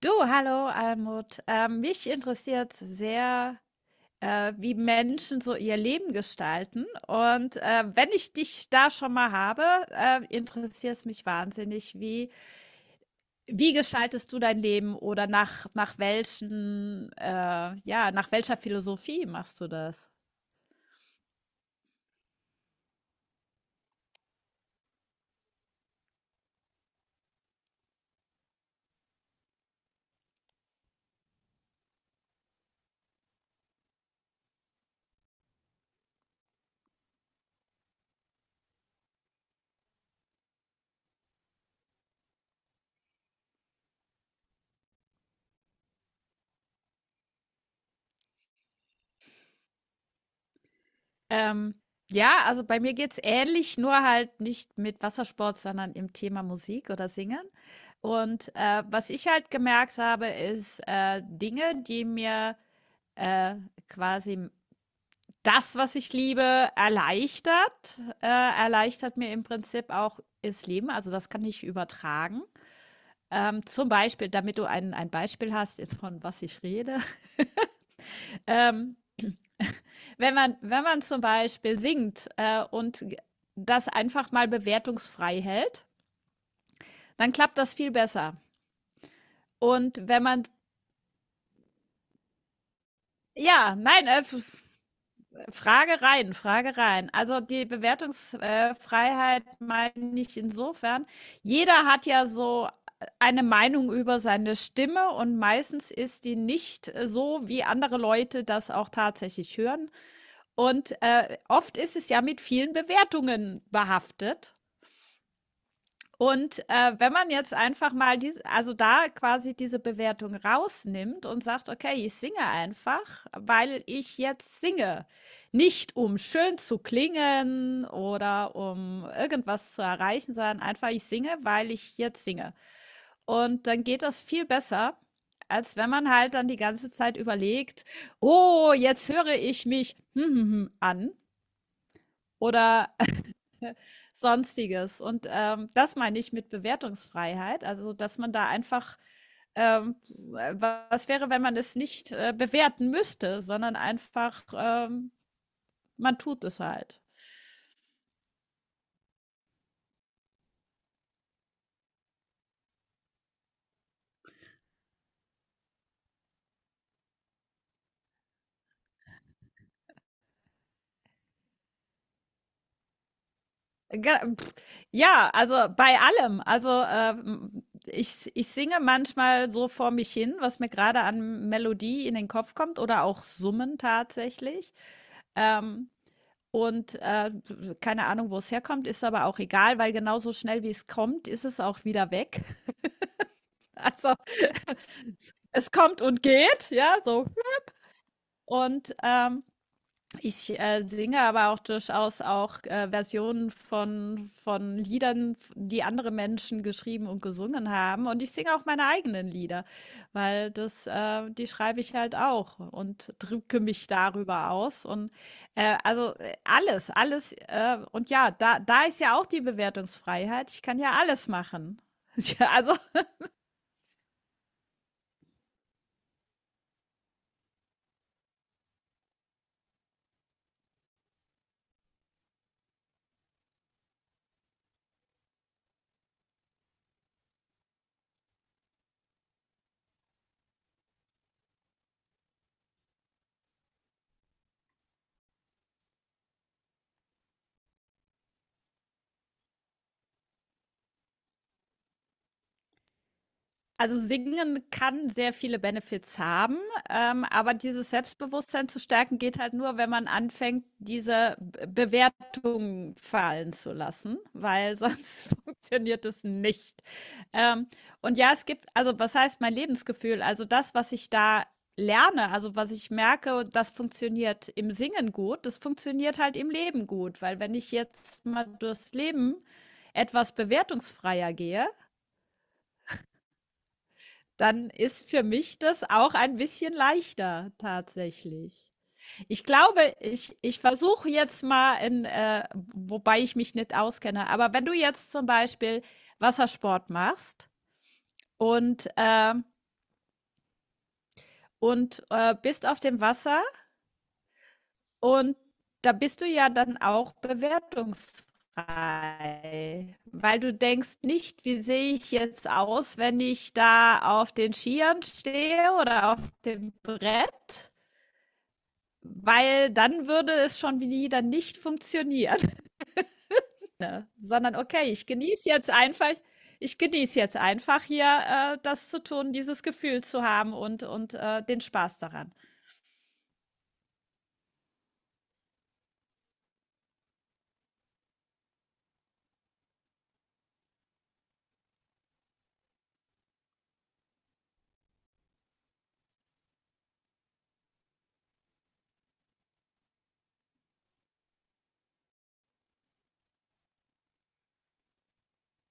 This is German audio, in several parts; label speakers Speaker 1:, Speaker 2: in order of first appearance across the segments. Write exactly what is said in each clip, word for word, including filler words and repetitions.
Speaker 1: Du, hallo Almut. Ähm, mich interessiert sehr, äh, wie Menschen so ihr Leben gestalten. Und äh, wenn ich dich da schon mal habe, äh, interessiert es mich wahnsinnig, wie, wie gestaltest du dein Leben oder nach, nach welchen, äh, ja, nach welcher Philosophie machst du das? Ähm, ja, also bei mir geht's ähnlich, nur halt nicht mit Wassersport, sondern im Thema Musik oder Singen. Und, äh, was ich halt gemerkt habe, ist, äh, Dinge, die mir, äh, quasi das, was ich liebe, erleichtert äh, erleichtert mir im Prinzip auch das Leben. Also, das kann ich übertragen. Ähm, zum Beispiel, damit du ein ein Beispiel hast, von was ich rede, ähm Wenn man wenn man zum Beispiel singt, äh, und g das einfach mal bewertungsfrei hält, dann klappt das viel besser. Und wenn man ja, nein, äh, F Frage rein, Frage rein. Also, die Bewertungsfreiheit meine ich insofern, jeder hat ja so eine Meinung über seine Stimme und meistens ist die nicht, äh, so, wie andere Leute das auch tatsächlich hören. Und, äh, oft ist es ja mit vielen Bewertungen behaftet. Und, äh, wenn man jetzt einfach mal diese, also, da quasi diese Bewertung rausnimmt und sagt: „Okay, ich singe einfach, weil ich jetzt singe, nicht um schön zu klingen oder um irgendwas zu erreichen, sondern einfach ich singe, weil ich jetzt singe.“ Und dann geht das viel besser, als wenn man halt dann die ganze Zeit überlegt: „Oh, jetzt höre ich mich hm hm hm an“ oder Sonstiges. Und ähm, das meine ich mit Bewertungsfreiheit, also dass man da einfach, ähm, was wäre, wenn man es nicht äh, bewerten müsste, sondern einfach, ähm, man tut es halt. Ge- Ja, also bei allem. Also ähm, ich, ich singe manchmal so vor mich hin, was mir gerade an Melodie in den Kopf kommt oder auch summen tatsächlich. Ähm, Und, äh, keine Ahnung, wo es herkommt, ist aber auch egal, weil genauso schnell, wie es kommt, ist es auch wieder weg. Also, es kommt und geht, ja, so. Und, ähm Ich, äh, singe aber auch durchaus auch, äh, Versionen von von Liedern, die andere Menschen geschrieben und gesungen haben und ich singe auch meine eigenen Lieder, weil das äh, die schreibe ich halt auch und drücke mich darüber aus und, äh, also, äh, alles, alles, äh, und ja, da da ist ja auch die Bewertungsfreiheit. Ich kann ja alles machen. Ja, also Also Singen kann sehr viele Benefits haben, ähm, aber dieses Selbstbewusstsein zu stärken geht halt nur, wenn man anfängt, diese Be- Bewertungen fallen zu lassen, weil sonst funktioniert es nicht. Ähm, und ja, es gibt, also was heißt mein Lebensgefühl? Also das, was ich da lerne, also was ich merke, das funktioniert im Singen gut, das funktioniert halt im Leben gut, weil wenn ich jetzt mal durchs Leben etwas bewertungsfreier gehe, dann ist für mich das auch ein bisschen leichter tatsächlich. Ich glaube, ich ich versuche jetzt mal in äh, wobei ich mich nicht auskenne, aber wenn du jetzt zum Beispiel Wassersport machst und, ähm und, äh, bist auf dem Wasser und da bist du ja dann auch bewertungsfrei, weil du denkst nicht: „Wie sehe ich jetzt aus, wenn ich da auf den Skiern stehe oder auf dem Brett?“ Weil dann würde es schon wieder nicht funktionieren, ne? Sondern: „Okay, ich genieße jetzt einfach ich genieße jetzt einfach hier, äh, das zu tun, dieses Gefühl zu haben und und, äh, den Spaß daran.“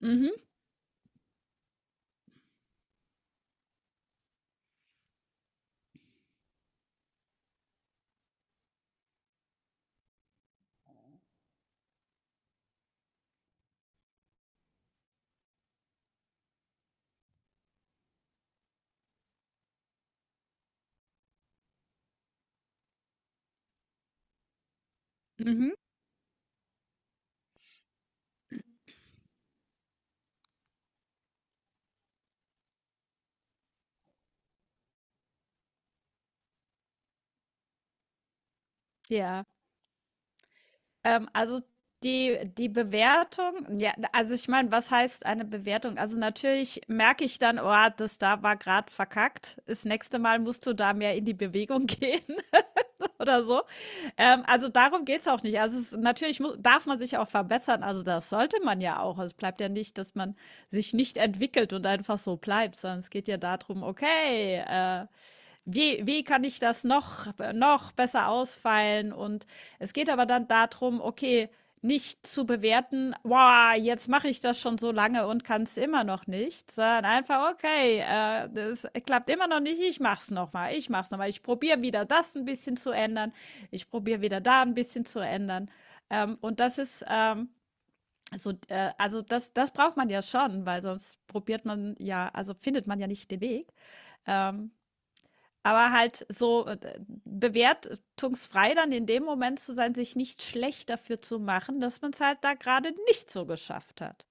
Speaker 1: Mhm, mhm, ja. Ähm, also, die die Bewertung ja, also, ich meine, was heißt eine Bewertung? Also, natürlich merke ich dann: „Oh, das da war gerade verkackt. Das nächste Mal musst du da mehr in die Bewegung gehen.“ oder so. Ähm, also darum geht es auch nicht. Also es, natürlich muss, darf man sich auch verbessern. Also das sollte man ja auch. Es bleibt ja nicht, dass man sich nicht entwickelt und einfach so bleibt, sondern es geht ja darum, okay, äh, wie wie kann ich das noch noch besser ausfeilen? Und es geht aber dann darum, okay, nicht zu bewerten: „Wow, jetzt mache ich das schon so lange und kann es immer noch nicht“, sondern einfach: „Okay, äh, das klappt immer noch nicht, ich mache es noch mal. Ich mache es noch mal. Ich probiere wieder das ein bisschen zu ändern. Ich probiere wieder da ein bisschen zu ändern.“ Ähm, und das ist, ähm, so äh, also das das braucht man ja schon, weil sonst probiert man ja also findet man ja nicht den Weg. Ähm aber halt so, äh, bewertungsfrei dann in dem Moment zu sein, sich nicht schlecht dafür zu machen, dass man es halt da gerade nicht so geschafft hat.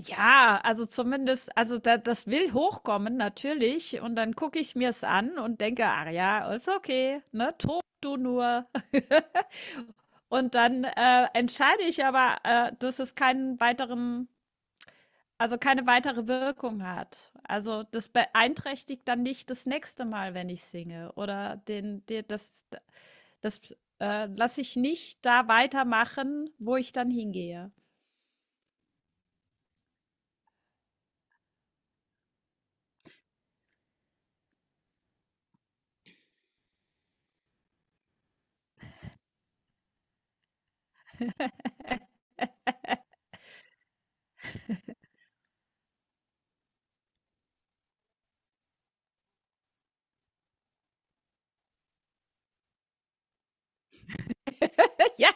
Speaker 1: Ja, also zumindest also da das will hochkommen natürlich und dann gucke ich mir es an und denke: „Ach ja, ist okay, ne? Tob du nur.“ Und dann, äh, entscheide ich aber, äh, dass es keinen weiteren Also, keine weitere Wirkung hat. Also, das beeinträchtigt dann nicht das nächste Mal, wenn ich singe oder den de das das, äh, lasse ich nicht da weitermachen, wo ich dann hingehe. Ja,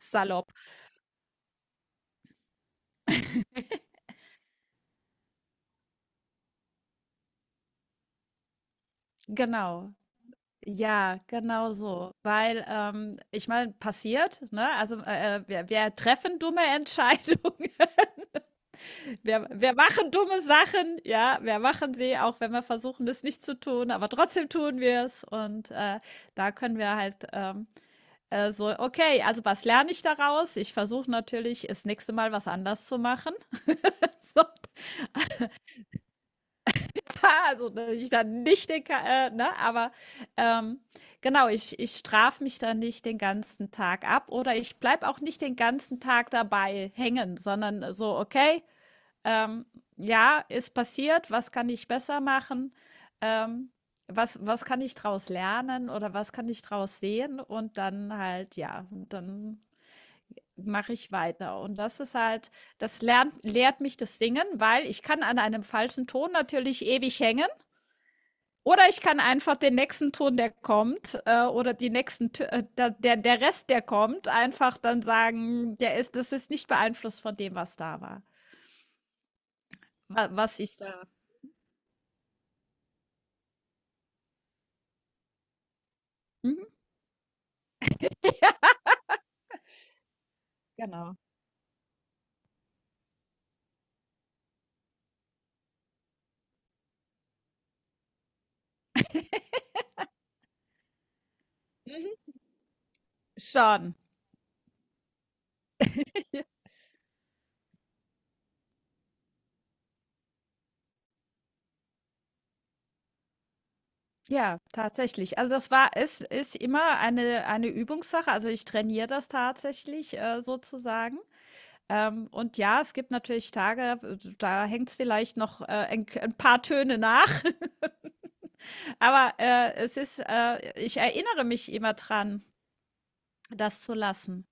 Speaker 1: salopp. Genau. Ja, genau so. Weil, ähm, ich meine, passiert, ne? Also, äh, äh, wir wir treffen dumme Entscheidungen. Wir, wir machen dumme Sachen, ja, wir machen sie, auch wenn wir versuchen, das nicht zu tun, aber trotzdem tun wir es. Und äh, da können wir halt ähm, äh, so, okay, also was lerne ich daraus? Ich versuche natürlich, das nächste Mal was anders zu machen. so, also, dass ich dann nicht den, Ka- äh, ne, aber ähm, genau, ich, ich strafe mich dann nicht den ganzen Tag ab oder ich bleibe auch nicht den ganzen Tag dabei hängen, sondern so, okay, Ähm, ja, ist passiert, was kann ich besser machen? Ähm, was, was kann ich draus lernen oder was kann ich draus sehen? Und dann halt, ja, dann mache ich weiter. Und das ist halt, das lernt, lehrt mich das Singen, weil ich kann an einem falschen Ton natürlich ewig hängen. Oder ich kann einfach den nächsten Ton, der kommt, äh, oder die nächsten, äh, der, der Rest, der kommt, einfach dann sagen, der ist, das ist nicht beeinflusst von dem, was da war, wa- was ich da. Mhm, genau. Mhm, schon. Ja. Ja, tatsächlich. Also das war es ist immer eine eine Übungssache. Also, ich trainiere das tatsächlich, äh, sozusagen. Ähm, und ja, es gibt natürlich Tage, w da hängt's vielleicht noch, äh, ein k paar Töne nach, aber, äh, es ist äh, ich erinnere mich immer dran, das zu lassen.